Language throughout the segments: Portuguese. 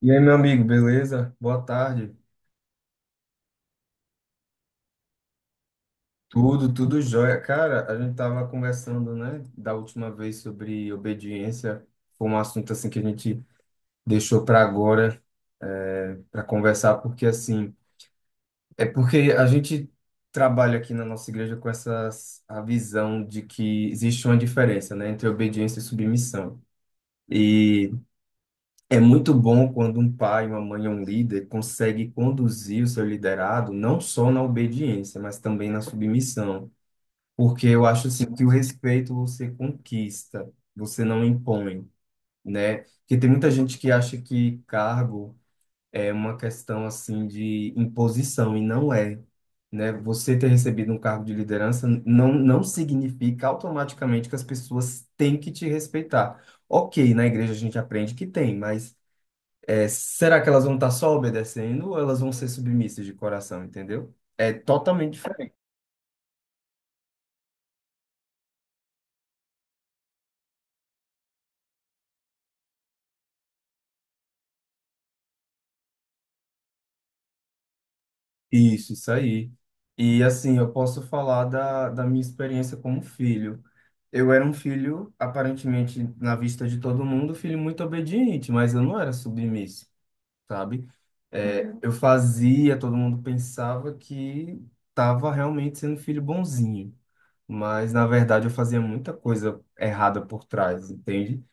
E aí, meu amigo, beleza? Boa tarde. Tudo jóia. Cara, a gente tava conversando, né, da última vez sobre obediência. Foi um assunto assim que a gente deixou para agora, para conversar, porque assim, é porque a gente trabalha aqui na nossa igreja com essa a visão de que existe uma diferença, né, entre obediência e submissão. E é muito bom quando um pai, uma mãe ou um líder consegue conduzir o seu liderado não só na obediência, mas também na submissão. Porque eu acho assim que o respeito você conquista, você não impõe, né? Porque tem muita gente que acha que cargo é uma questão assim de imposição e não é, né? Você ter recebido um cargo de liderança não significa automaticamente que as pessoas têm que te respeitar. Ok, na igreja a gente aprende que tem, mas é, será que elas vão estar só obedecendo ou elas vão ser submissas de coração, entendeu? É totalmente Isso, isso aí. E assim, eu posso falar da minha experiência como filho. Eu era um filho, aparentemente, na vista de todo mundo, filho muito obediente, mas eu não era submisso, sabe? É, Uhum. Eu fazia, todo mundo pensava que estava realmente sendo filho bonzinho, mas na verdade eu fazia muita coisa errada por trás, entende?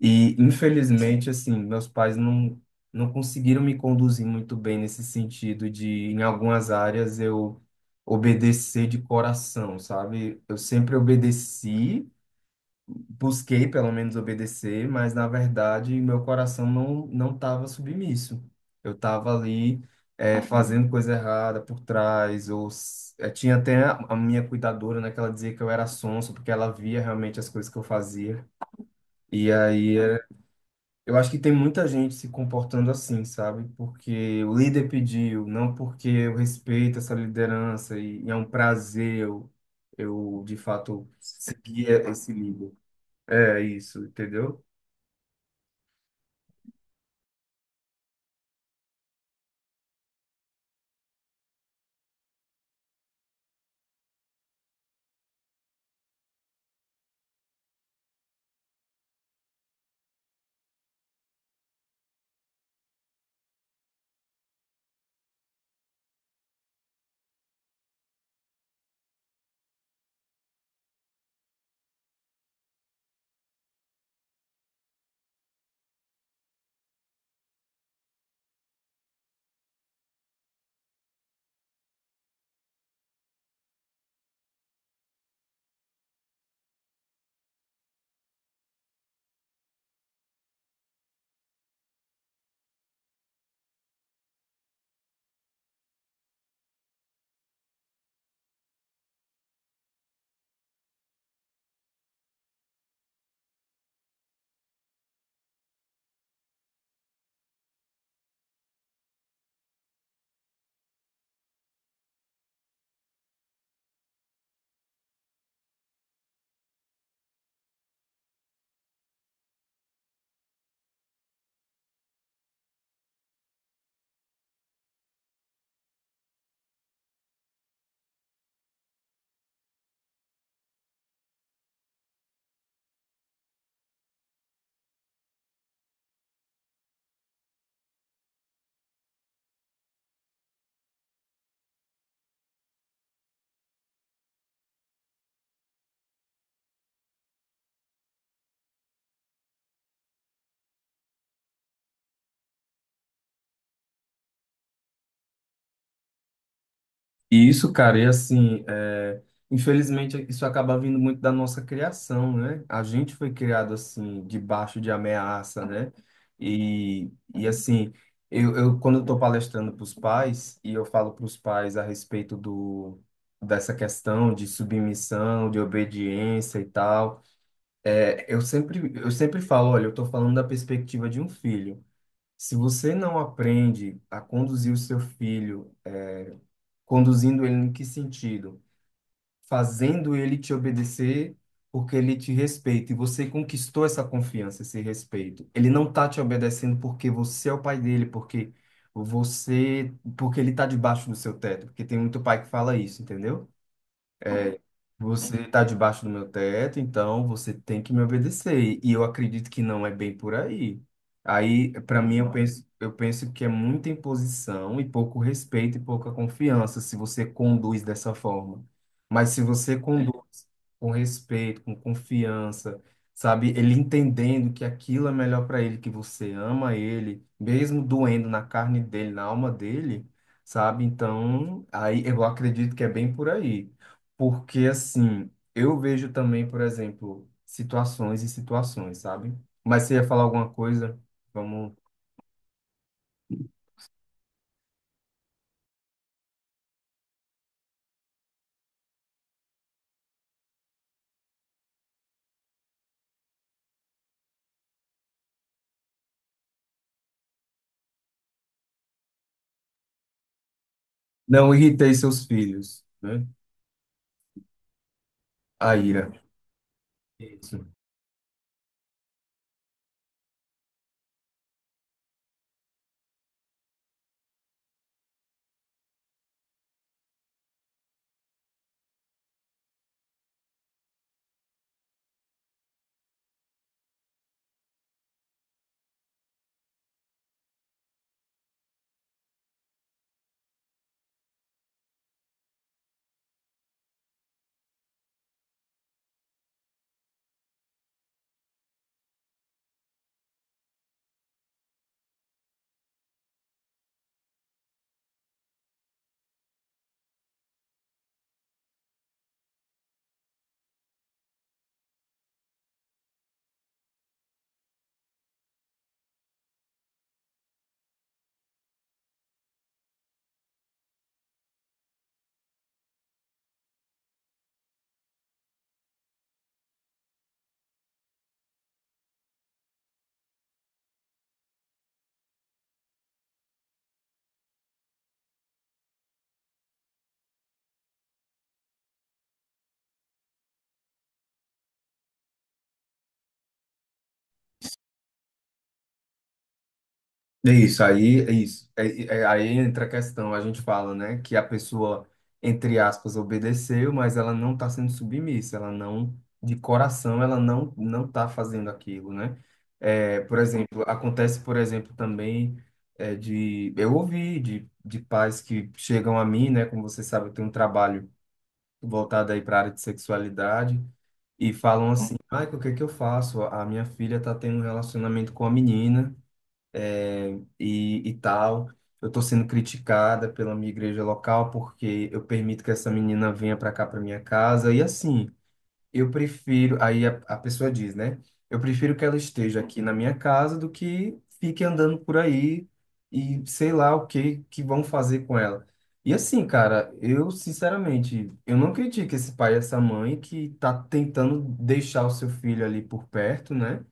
E, infelizmente, assim, meus pais não, não conseguiram me conduzir muito bem nesse sentido de, em algumas áreas, eu obedecer de coração, sabe? Eu sempre obedeci, busquei pelo menos obedecer, mas, na verdade, meu coração não estava submisso. Eu estava ali, fazendo coisa errada por trás, ou tinha até a minha cuidadora, né, que ela dizia que eu era sonso, porque ela via realmente as coisas que eu fazia. E aí eu acho que tem muita gente se comportando assim, sabe? Porque o líder pediu, não porque eu respeito essa liderança e é um prazer eu, de fato, seguir esse líder. É isso, entendeu? E isso, cara, e assim, é, infelizmente isso acaba vindo muito da nossa criação, né? A gente foi criado assim, debaixo de ameaça, né? E assim, eu quando eu estou palestrando para os pais, e eu falo para os pais a respeito do, dessa questão de submissão, de obediência e tal, é, eu sempre falo, olha, eu estou falando da perspectiva de um filho. Se você não aprende a conduzir o seu filho, conduzindo ele em que sentido? Fazendo ele te obedecer porque ele te respeita e você conquistou essa confiança, esse respeito. Ele não tá te obedecendo porque você é o pai dele, porque você, porque ele tá debaixo do seu teto, porque tem muito pai que fala isso, entendeu? É, você está debaixo do meu teto, então você tem que me obedecer. E eu acredito que não é bem por aí. Aí, para mim, eu penso que é muita imposição e pouco respeito e pouca confiança se você conduz dessa forma. Mas se você É. conduz com respeito, com confiança, sabe, ele entendendo que aquilo é melhor para ele, que você ama ele, mesmo doendo na carne dele, na alma dele, sabe? Então, aí eu acredito que é bem por aí. Porque, assim, eu vejo também, por exemplo, situações e situações, sabe? Mas você ia falar alguma coisa? Vamos. Não irritei seus filhos, né? A ira. Isso. É isso, aí é isso. Aí entra a questão, a gente fala, né, que a pessoa, entre aspas, obedeceu, mas ela não está sendo submissa, ela não, de coração, ela não está fazendo aquilo, né? É, por exemplo, acontece, por exemplo, também é, de eu ouvi de pais que chegam a mim, né, como você sabe, eu tenho um trabalho voltado aí para a área de sexualidade e falam assim, ai, o que que eu faço? A minha filha está tendo um relacionamento com a menina e tal. Eu tô sendo criticada pela minha igreja local porque eu permito que essa menina venha para cá, para minha casa. E assim. Eu prefiro, aí a pessoa diz, né? Eu prefiro que ela esteja aqui na minha casa do que fique andando por aí e sei lá o que que vão fazer com ela. E assim, cara, eu sinceramente, eu não critico esse pai e essa mãe que tá tentando deixar o seu filho ali por perto, né?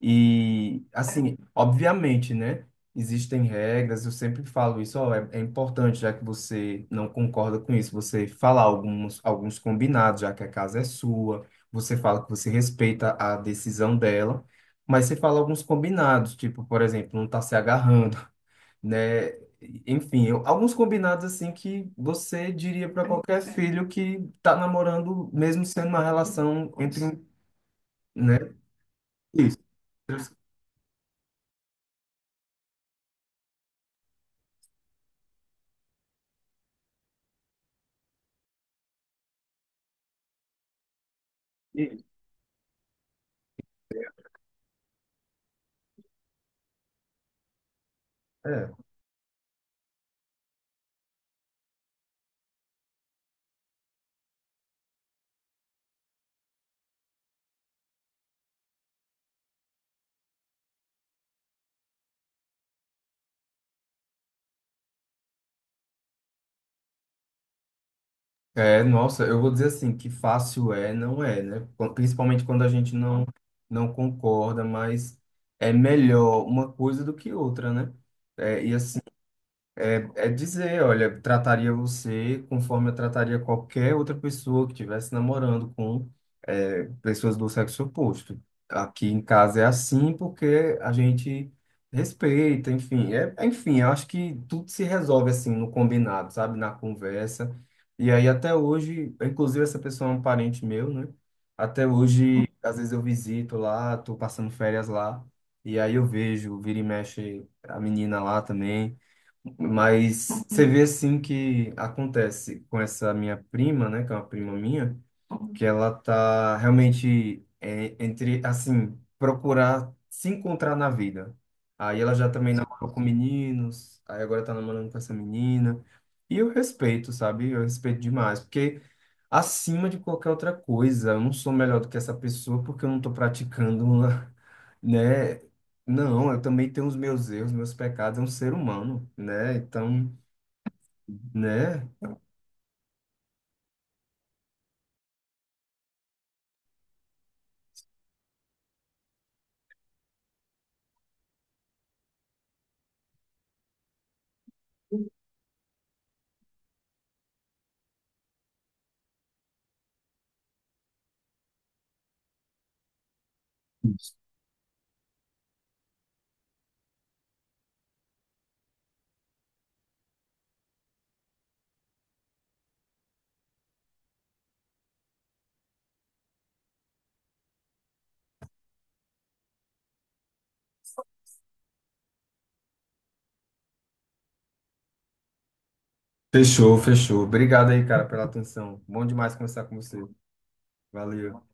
E assim, obviamente, né? Existem regras, eu sempre falo isso, ó, é importante, já que você não concorda com isso, você falar alguns combinados, já que a casa é sua você fala que você respeita a decisão dela, mas você fala alguns combinados, tipo, por exemplo, não tá se agarrando, né? Enfim, eu- alguns combinados assim que você diria para qualquer filho que tá namorando, mesmo sendo uma relação entre, um- né? Isso. É. É, nossa, eu vou dizer assim, que fácil é, não é, né? Quan- Principalmente quando a gente não concorda, mas é melhor uma coisa do que outra, né? É, e assim, É, é dizer, olha, trataria você conforme eu trataria qualquer outra pessoa que estivesse namorando com é, pessoas do sexo oposto. Aqui em casa é assim porque a gente respeita, enfim. É, enfim, eu acho que tudo se resolve assim no combinado, sabe? Na conversa. E aí até hoje, inclusive essa pessoa é um parente meu, né? Até hoje, às vezes eu visito lá, tô passando férias lá. E aí eu vejo, vira e mexe a menina lá também. Mas você vê assim que acontece com essa minha prima, né, que é uma prima minha, que ela tá realmente é, entre assim, procurar se encontrar na vida. Aí ela já também namorou com meninos, aí agora tá namorando com essa menina. E eu respeito, sabe? Eu respeito demais, porque acima de qualquer outra coisa. Eu não sou melhor do que essa pessoa porque eu não estou praticando, né? Não, eu também tenho os meus erros, meus pecados, é um ser humano, né? Então, né? Fechou, fechou. Obrigado aí, cara, pela atenção. Bom demais conversar com você. Valeu.